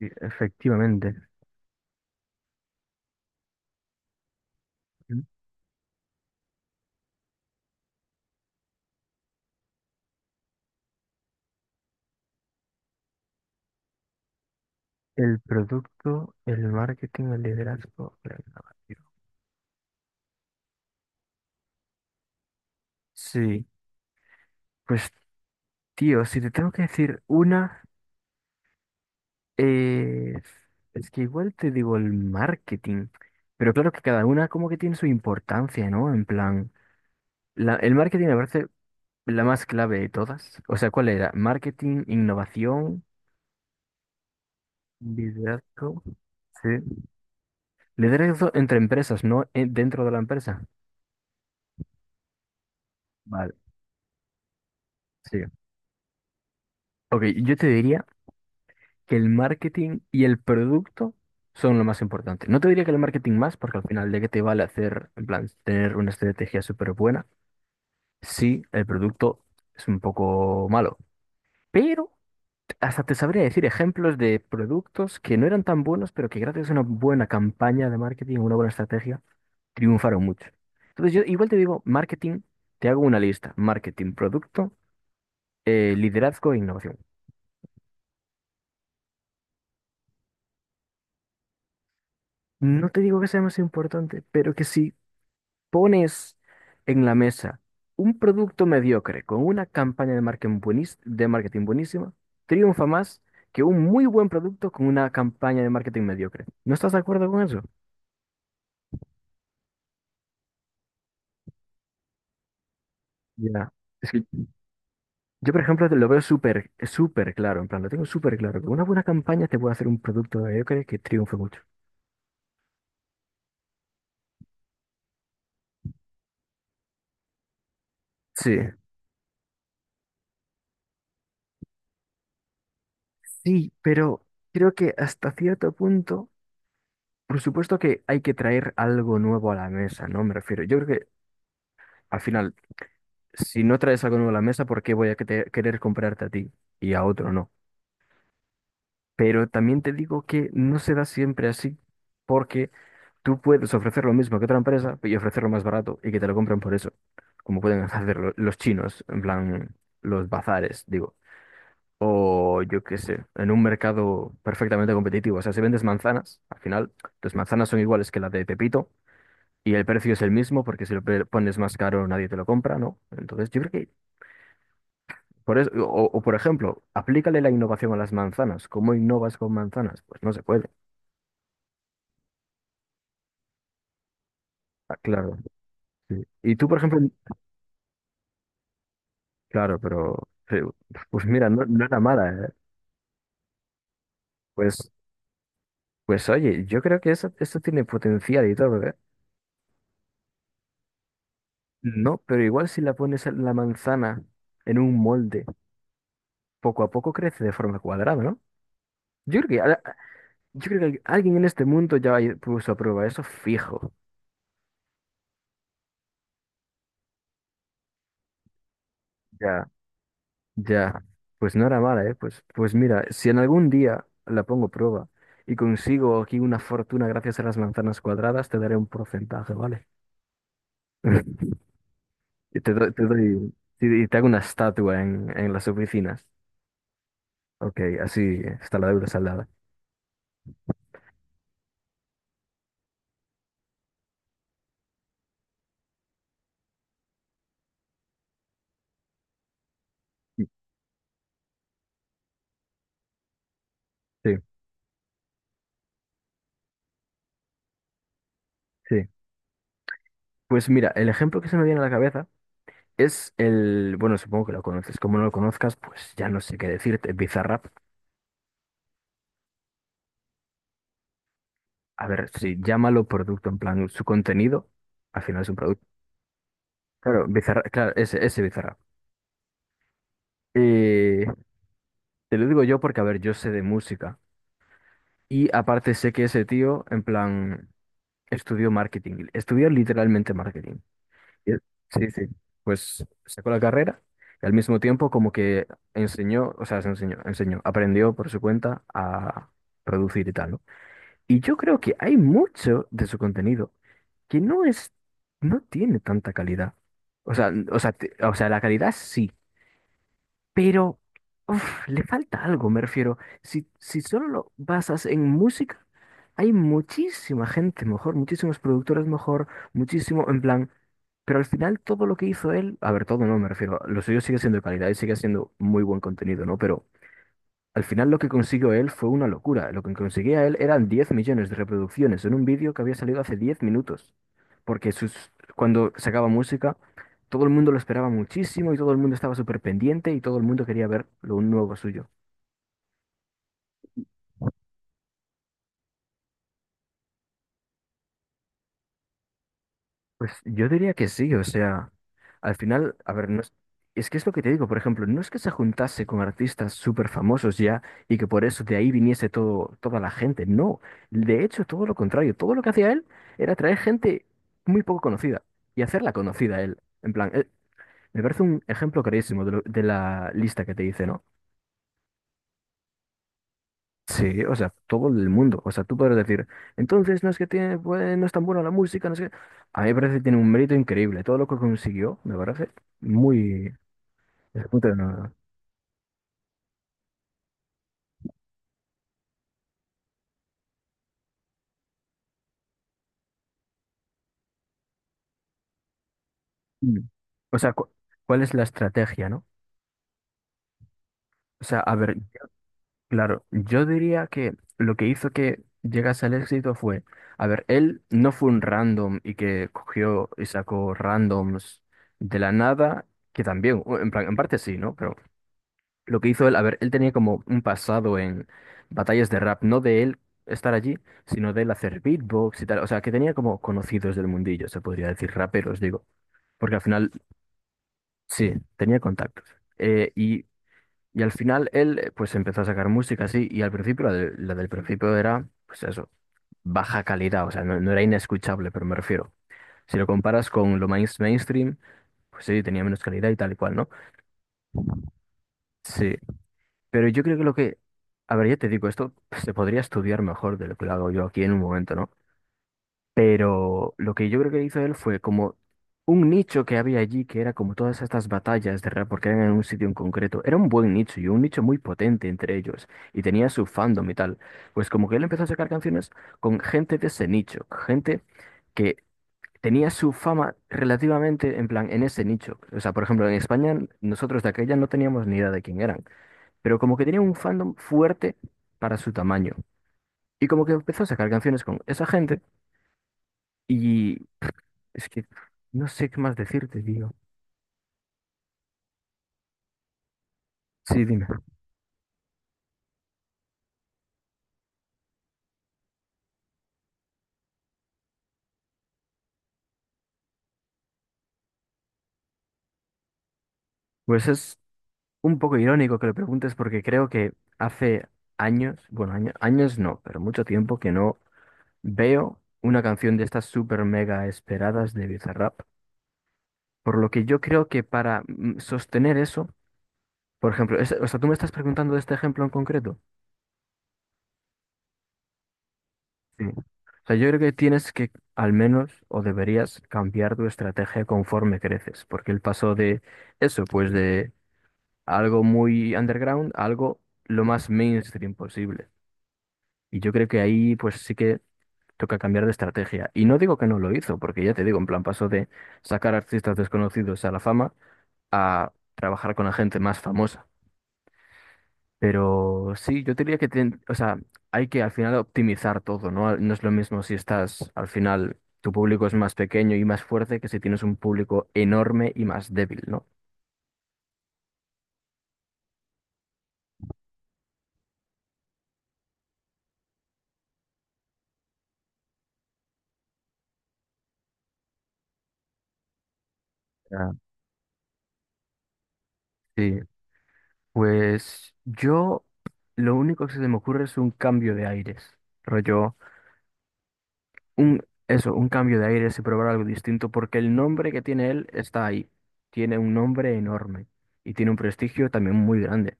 Sí, efectivamente. Ujú. El producto, el marketing, el liderazgo, la innovación. Sí, pues tío, si te tengo que decir una, eh, es que igual te digo el marketing, pero claro que cada una como que tiene su importancia, ¿no? En plan, el marketing me parece la más clave de todas. O sea, ¿cuál era? Marketing, innovación, liderazgo. Sí. Liderazgo entre empresas, no, dentro de la empresa. Vale, sí. Ok, yo te diría que el marketing y el producto son lo más importante. No te diría que el marketing más, porque al final de qué te vale hacer, en plan, tener una estrategia súper buena, si el producto es un poco malo. Pero hasta te sabría decir ejemplos de productos que no eran tan buenos, pero que gracias a una buena campaña de marketing o una buena estrategia, triunfaron mucho. Entonces yo igual te digo, marketing, te hago una lista, marketing, producto, liderazgo e innovación. No te digo que sea más importante, pero que sí. Pones en la mesa un producto mediocre con una campaña de marketing de marketing buenísima, triunfa más que un muy buen producto con una campaña de marketing mediocre. ¿No estás de acuerdo con eso? Ya. Es que yo, por ejemplo, te lo veo súper, súper claro, en plan, lo tengo súper claro, que una buena campaña te puede hacer un producto mediocre que triunfe mucho. Sí, sí, pero creo que hasta cierto punto, por supuesto que hay que traer algo nuevo a la mesa, ¿no? Me refiero, yo creo que al final, si no traes algo nuevo a la mesa, ¿por qué voy a querer comprarte a ti y a otro no? Pero también te digo que no se da siempre así, porque tú puedes ofrecer lo mismo que otra empresa y ofrecerlo más barato y que te lo compren por eso, como pueden hacer los chinos, en plan los bazares, digo. O yo qué sé, en un mercado perfectamente competitivo. O sea, si vendes manzanas, al final, tus manzanas son iguales que la de Pepito y el precio es el mismo porque si lo pones más caro nadie te lo compra, ¿no? Entonces, yo creo que, por eso, por ejemplo, aplícale la innovación a las manzanas. ¿Cómo innovas con manzanas? Pues no se puede. Ah, claro. Sí. Y tú, por ejemplo, claro, pero sí, pues mira, no, no era mala, ¿eh? Pues, pues, oye, yo creo que eso tiene potencial y todo, ¿eh? No, pero igual si la pones en la manzana en un molde, poco a poco crece de forma cuadrada, ¿no? Yo creo que, al- yo creo que alguien en este mundo ya puso a prueba eso fijo. Ya. Ya, pues no era mala, ¿eh? Pues, mira, si en algún día la pongo prueba y consigo aquí una fortuna gracias a las manzanas cuadradas, te daré un porcentaje, ¿vale? Y te doy- y te hago una estatua en las oficinas. Ok, así está la deuda saldada. Sí, sí. Sí. Pues mira, el ejemplo que se me viene a la cabeza es el, bueno, supongo que lo conoces, como no lo conozcas, pues ya no sé qué decirte, Bizarrap. A ver, sí, llámalo producto, en plan, su contenido, al final es un producto. Claro, Bizarra, claro, ese Bizarra. Eh, te lo digo yo porque, a ver, yo sé de música. Y aparte sé que ese tío, en plan, estudió marketing. Estudió literalmente marketing. Y- Sí, sí. Pues sacó la carrera y al mismo tiempo como que enseñó, o sea, se enseñó, aprendió por su cuenta a producir y tal, ¿no? Y yo creo que hay mucho de su contenido que no es, no tiene tanta calidad. O sea, la calidad sí. Pero uf, le falta algo, me refiero. Si solo lo basas en música, hay muchísima gente mejor, muchísimos productores mejor, muchísimo, en plan. Pero al final todo lo que hizo él, a ver, todo no, me refiero, lo suyo sigue siendo de calidad y sigue siendo muy buen contenido, ¿no? Pero al final lo que consiguió él fue una locura. Lo que conseguía él eran 10 millones de reproducciones en un vídeo que había salido hace 10 minutos. Porque cuando sacaba música, todo el mundo lo esperaba muchísimo y todo el mundo estaba súper pendiente y todo el mundo quería ver lo nuevo suyo. Pues yo diría que sí, o sea, al final, a ver, no es, es que es lo que te digo, por ejemplo, no es que se juntase con artistas súper famosos ya y que por eso de ahí viniese todo, toda la gente, no, de hecho todo lo contrario, todo lo que hacía él era traer gente muy poco conocida y hacerla conocida a él, en plan, me parece un ejemplo clarísimo de la lista que te hice, ¿no? Sí, o sea, todo el mundo. O sea, tú podrás decir, entonces no es que tiene, pues, no es tan buena la música, no sé qué. A mí me parece que tiene un mérito increíble. Todo lo que consiguió me parece muy. Es punto de Mm. O sea, ¿cuál es la estrategia, no? O sea, a ver, claro, yo diría que lo que hizo que llegase al éxito fue, a ver, él no fue un random y que cogió y sacó randoms de la nada, que también, o en plan, en parte sí, ¿no? Pero lo que hizo él, a ver, él tenía como un pasado en batallas de rap, no de él estar allí, sino de él hacer beatbox y tal. O sea, que tenía como conocidos del mundillo, se podría decir, raperos, digo. Porque al final, sí, tenía contactos. Eh, y, y al final él, pues empezó a sacar música así, y al principio, la del principio era, pues eso, baja calidad, o sea, no, no era inescuchable, pero me refiero. Si lo comparas con lo mainstream, pues sí, tenía menos calidad y tal y cual, ¿no? Sí. Pero yo creo que lo que, a ver, ya te digo, esto pues, se podría estudiar mejor de lo que lo hago yo aquí en un momento, ¿no? Pero lo que yo creo que hizo él fue como un nicho que había allí, que era como todas estas batallas de rap, porque eran en un sitio en concreto. Era un buen nicho y un nicho muy potente entre ellos, y tenía su fandom y tal. Pues como que él empezó a sacar canciones con gente de ese nicho, gente que tenía su fama relativamente en plan en ese nicho. O sea, por ejemplo, en España nosotros de aquella no teníamos ni idea de quién eran pero como que tenía un fandom fuerte para su tamaño. Y como que empezó a sacar canciones con esa gente y es que no sé qué más decirte, digo. Sí, dime. Pues es un poco irónico que lo preguntes porque creo que hace años, bueno, años no, pero mucho tiempo que no veo una canción de estas super mega esperadas de Bizarrap. Por lo que yo creo que para sostener eso, por ejemplo, o sea, tú me estás preguntando de este ejemplo en concreto. Sí. O sea, yo creo que tienes que, al menos, o deberías cambiar tu estrategia conforme creces, porque el paso de eso, pues de algo muy underground a algo lo más mainstream posible. Y yo creo que ahí, pues sí que toca cambiar de estrategia. Y no digo que no lo hizo, porque ya te digo, en plan, paso de sacar artistas desconocidos a la fama a trabajar con la gente más famosa. Pero sí, yo diría que o sea, hay que al final optimizar todo, ¿no? No es lo mismo si estás, al final, tu público es más pequeño y más fuerte que si tienes un público enorme y más débil, ¿no? Ah, sí. Pues yo lo único que se me ocurre es un cambio de aires. Rollo, un un cambio de aires y probar algo distinto, porque el nombre que tiene él está ahí. Tiene un nombre enorme y tiene un prestigio también muy grande.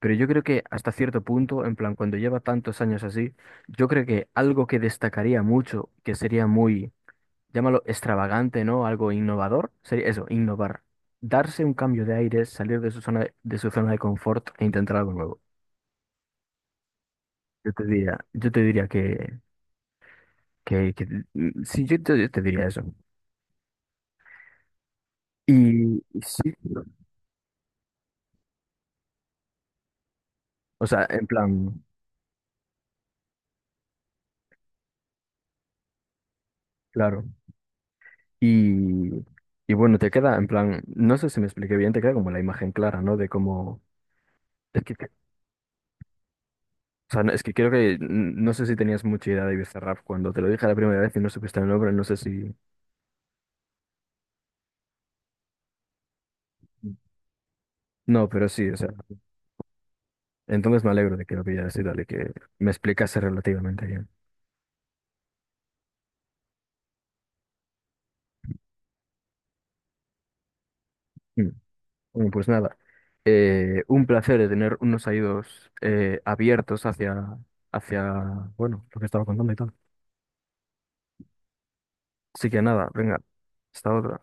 Pero yo creo que hasta cierto punto, en plan, cuando lleva tantos años así, yo creo que algo que destacaría mucho, que sería muy, llámalo extravagante, ¿no? Algo innovador, sería eso, innovar. Darse un cambio de aire, salir de su zona de su zona de confort e intentar algo nuevo. Yo te diría que sí, yo te diría eso. Y sí, o sea, en plan, claro. Y, y, bueno, te queda, en plan, no sé si me expliqué bien, te queda como la imagen clara, ¿no? De cómo. Es que o sea, es que creo que no sé si tenías mucha idea de Bizarrap cuando te lo dije la primera vez y no supiste el nombre, no sé si. No, pero sí, o sea, entonces me alegro de que lo pillaras y tal, y que me explicase relativamente bien. Mm. Bueno, pues nada, un placer de tener unos oídos abiertos hacia, hacia, bueno, lo que estaba contando y tal. Así que nada, venga, hasta otra.